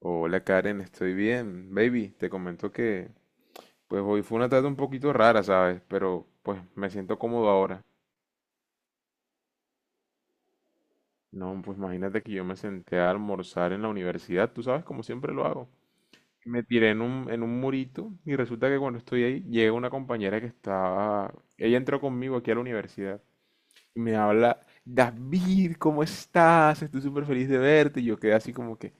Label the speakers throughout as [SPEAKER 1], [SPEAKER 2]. [SPEAKER 1] Hola Karen, estoy bien. Baby, te comento que pues hoy fue una tarde un poquito rara, ¿sabes? Pero pues me siento cómodo ahora. No, pues imagínate que yo me senté a almorzar en la universidad, tú sabes, como siempre lo hago. Me tiré en un murito y resulta que cuando estoy ahí llega una compañera que estaba... Ella entró conmigo aquí a la universidad y me habla, David, ¿cómo estás? Estoy súper feliz de verte. Y yo quedé así como que,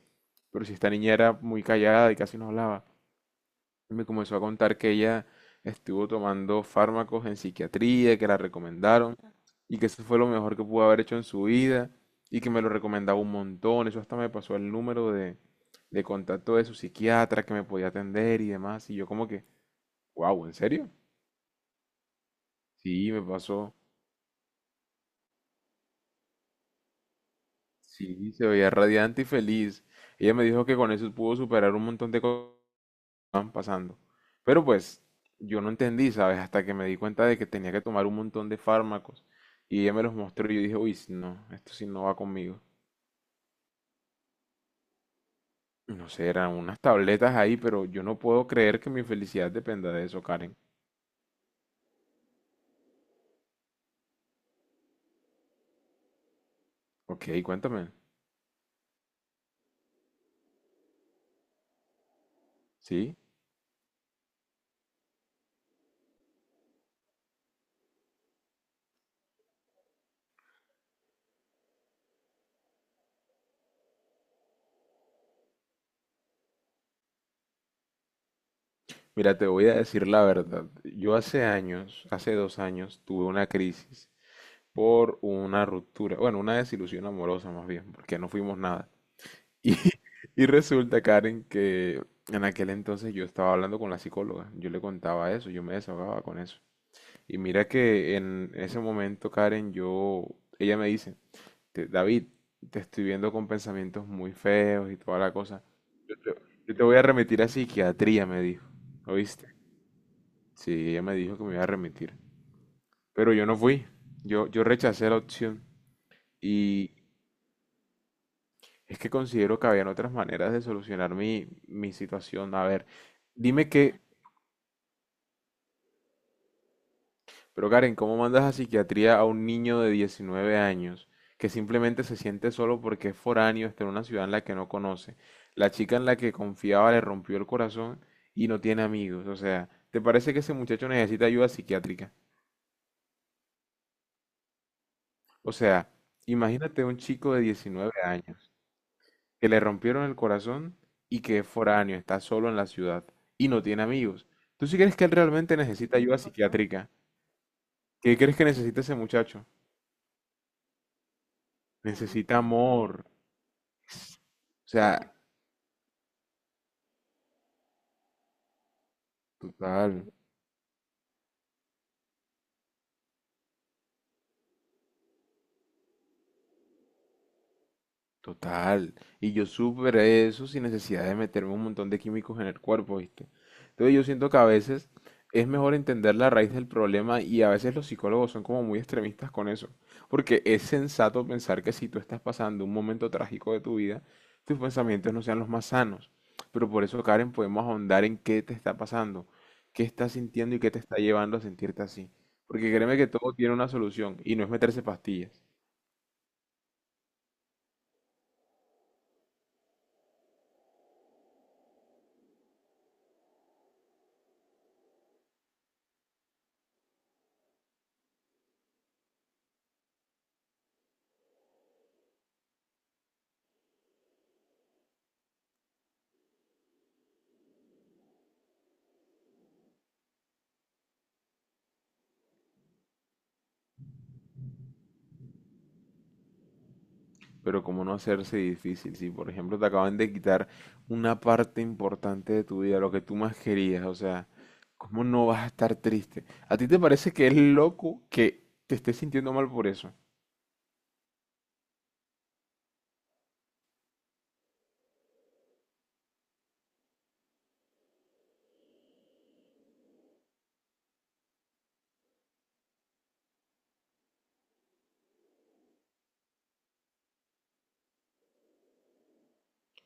[SPEAKER 1] pero si esta niña era muy callada y casi no hablaba. Me comenzó a contar que ella estuvo tomando fármacos en psiquiatría, que la recomendaron y que eso fue lo mejor que pudo haber hecho en su vida y que me lo recomendaba un montón. Eso hasta me pasó el número de contacto de su psiquiatra que me podía atender y demás. Y yo como que, wow, ¿en serio? Sí, me pasó. Sí, se veía radiante y feliz. Ella me dijo que con eso pudo superar un montón de co- van pasando. Pero pues yo no entendí, ¿sabes? Hasta que me di cuenta de que tenía que tomar un montón de fármacos y ella me los mostró y yo dije, uy, no, esto sí no va conmigo. No sé, eran unas tabletas ahí, pero yo no puedo creer que mi felicidad dependa de eso, Karen. Ok, cuéntame. Sí. Mira, te voy a decir la verdad. Yo hace años, hace 2 años, tuve una crisis por una ruptura, bueno, una desilusión amorosa más bien, porque no fuimos nada. Y, y resulta, Karen, que en aquel entonces yo estaba hablando con la psicóloga, yo le contaba eso, yo me desahogaba con eso. Y mira que en ese momento, Karen, yo, ella me dice, David, te estoy viendo con pensamientos muy feos y toda la cosa. Yo te voy a remitir a psiquiatría, me dijo. ¿Oíste? Sí, ella me dijo que me iba a remitir. Pero yo no fui, yo rechacé la opción. Y es que considero que habían otras maneras de solucionar mi situación. A ver. Dime qué, Pero Karen, ¿cómo mandas a psiquiatría a un niño de 19 años que simplemente se siente solo porque es foráneo, está en una ciudad en la que no conoce? La chica en la que confiaba le rompió el corazón y no tiene amigos. O sea, ¿te parece que ese muchacho necesita ayuda psiquiátrica? O sea, imagínate un chico de 19 años que le rompieron el corazón y que es foráneo, está solo en la ciudad y no tiene amigos. ¿Tú sí crees que él realmente necesita ayuda psiquiátrica? ¿Qué crees que necesita ese muchacho? Necesita amor. O sea, total, total. Y yo superé eso sin necesidad de meterme un montón de químicos en el cuerpo, ¿viste? Entonces yo siento que a veces es mejor entender la raíz del problema y a veces los psicólogos son como muy extremistas con eso. Porque es sensato pensar que si tú estás pasando un momento trágico de tu vida, tus pensamientos no sean los más sanos. Pero por eso, Karen, podemos ahondar en qué te está pasando, qué estás sintiendo y qué te está llevando a sentirte así. Porque créeme que todo tiene una solución y no es meterse pastillas. Pero cómo no hacerse difícil si, por ejemplo, te acaban de quitar una parte importante de tu vida, lo que tú más querías, o sea, ¿cómo no vas a estar triste? ¿A ti te parece que es loco que te estés sintiendo mal por eso?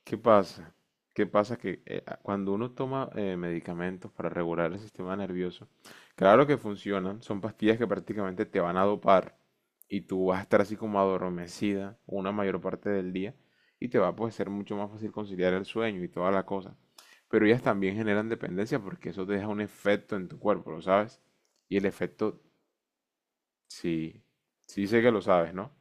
[SPEAKER 1] ¿Qué pasa? ¿Qué pasa? Que cuando uno toma medicamentos para regular el sistema nervioso, claro que funcionan, son pastillas que prácticamente te van a dopar y tú vas a estar así como adormecida una mayor parte del día y te va a pues, ser mucho más fácil conciliar el sueño y toda la cosa. Pero ellas también generan dependencia porque eso te deja un efecto en tu cuerpo, ¿lo sabes? Y el efecto, sí, sí sé que lo sabes, ¿no?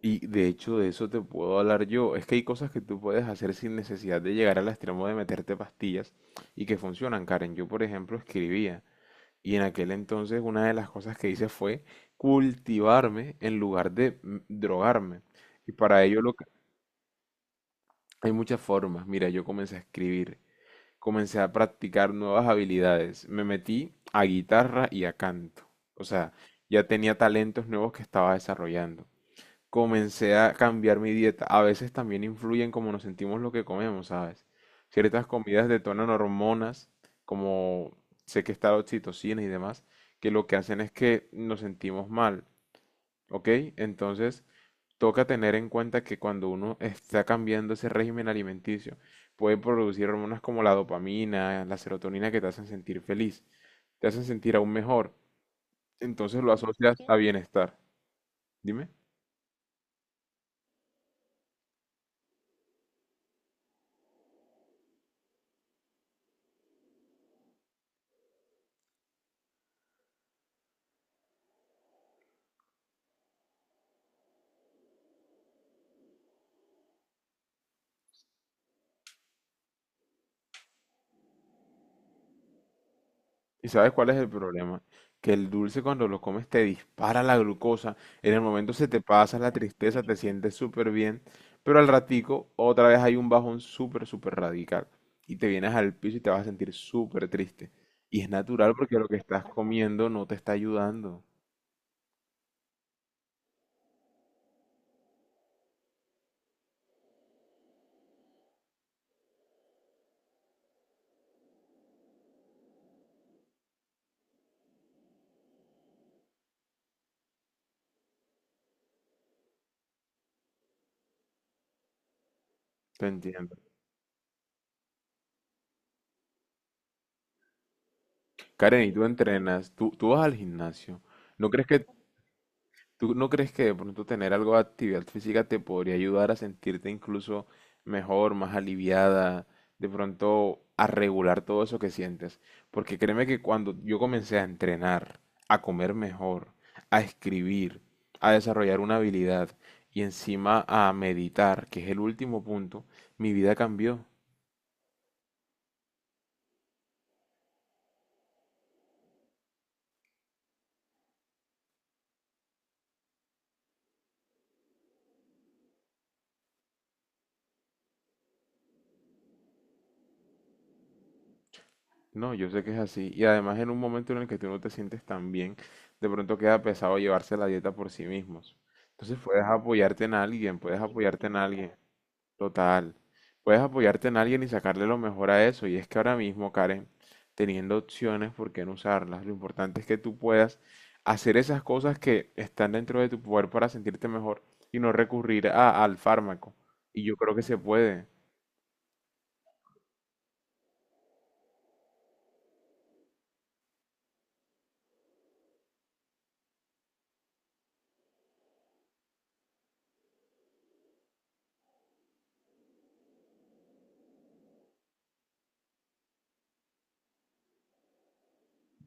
[SPEAKER 1] Y de hecho de eso te puedo hablar yo. Es que hay cosas que tú puedes hacer sin necesidad de llegar al extremo de meterte pastillas y que funcionan, Karen. Yo, por ejemplo, escribía y en aquel entonces una de las cosas que hice fue cultivarme en lugar de drogarme. Y para ello lo que... hay muchas formas. Mira, yo comencé a escribir, comencé a practicar nuevas habilidades, me metí a guitarra y a canto. O sea, ya tenía talentos nuevos que estaba desarrollando comencé a cambiar mi dieta. A veces también influyen cómo nos sentimos lo que comemos, ¿sabes? Ciertas comidas detonan hormonas, como sé que está la oxitocina y demás, que lo que hacen es que nos sentimos mal, ¿ok? Entonces, toca tener en cuenta que cuando uno está cambiando ese régimen alimenticio, puede producir hormonas como la dopamina, la serotonina que te hacen sentir feliz, te hacen sentir aún mejor. Entonces lo asocias a bienestar. Dime. ¿Y sabes cuál es el problema? Que el dulce cuando lo comes te dispara la glucosa, en el momento se te pasa la tristeza, te sientes súper bien, pero al ratico otra vez hay un bajón súper, súper radical y te vienes al piso y te vas a sentir súper triste. Y es natural porque lo que estás comiendo no te está ayudando. Te entiendo. Karen, y tú entrenas, tú vas al gimnasio. ¿No crees que ¿Tú no crees que de pronto tener algo de actividad física te podría ayudar a sentirte incluso mejor, más aliviada, de pronto a regular todo eso que sientes? Porque créeme que cuando yo comencé a entrenar, a comer mejor, a escribir, a desarrollar una habilidad y encima a meditar, que es el último punto, mi vida cambió. No, yo sé que es así. Y además en un momento en el que tú no te sientes tan bien, de pronto queda pesado llevarse la dieta por sí mismos. Entonces puedes apoyarte en alguien, puedes apoyarte en alguien, total. Puedes apoyarte en alguien y sacarle lo mejor a eso. Y es que ahora mismo, Karen, teniendo opciones, ¿por qué no usarlas? Lo importante es que tú puedas hacer esas cosas que están dentro de tu poder para sentirte mejor y no recurrir al fármaco. Y yo creo que se puede.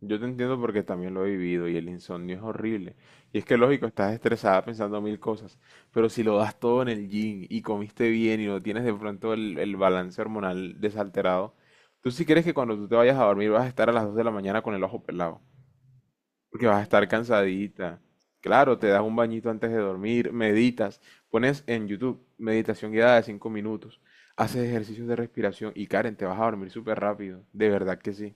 [SPEAKER 1] Yo te entiendo porque también lo he vivido y el insomnio es horrible. Y es que lógico, estás estresada pensando mil cosas, pero si lo das todo en el gym y comiste bien y no tienes de pronto el balance hormonal desalterado, tú sí crees que cuando tú te vayas a dormir vas a estar a las 2 de la mañana con el ojo pelado, porque vas a estar cansadita. Claro, te das un bañito antes de dormir, meditas, pones en YouTube meditación guiada de 5 minutos, haces ejercicios de respiración y Karen, te vas a dormir súper rápido, de verdad que sí.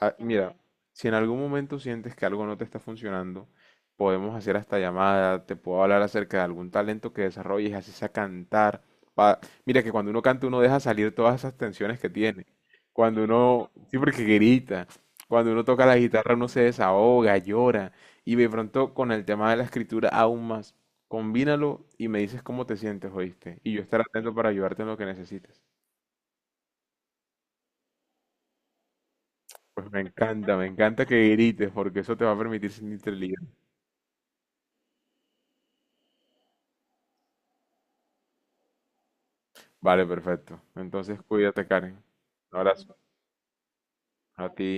[SPEAKER 1] Ah, mira, si en algún momento sientes que algo no te está funcionando, podemos hacer hasta llamada, te puedo hablar acerca de algún talento que desarrolles, así sea cantar. pa- Mira que cuando uno canta uno deja salir todas esas tensiones que tiene. Cuando uno, sí porque grita, cuando uno toca la guitarra uno se desahoga, llora. Y de pronto con el tema de la escritura aún más. Combínalo y me dices cómo te sientes, ¿oíste? Y yo estaré atento para ayudarte en lo que necesites. Pues me encanta que grites porque eso te va a permitir sentirte libre. Vale, perfecto. Entonces cuídate, Karen. Un abrazo a ti.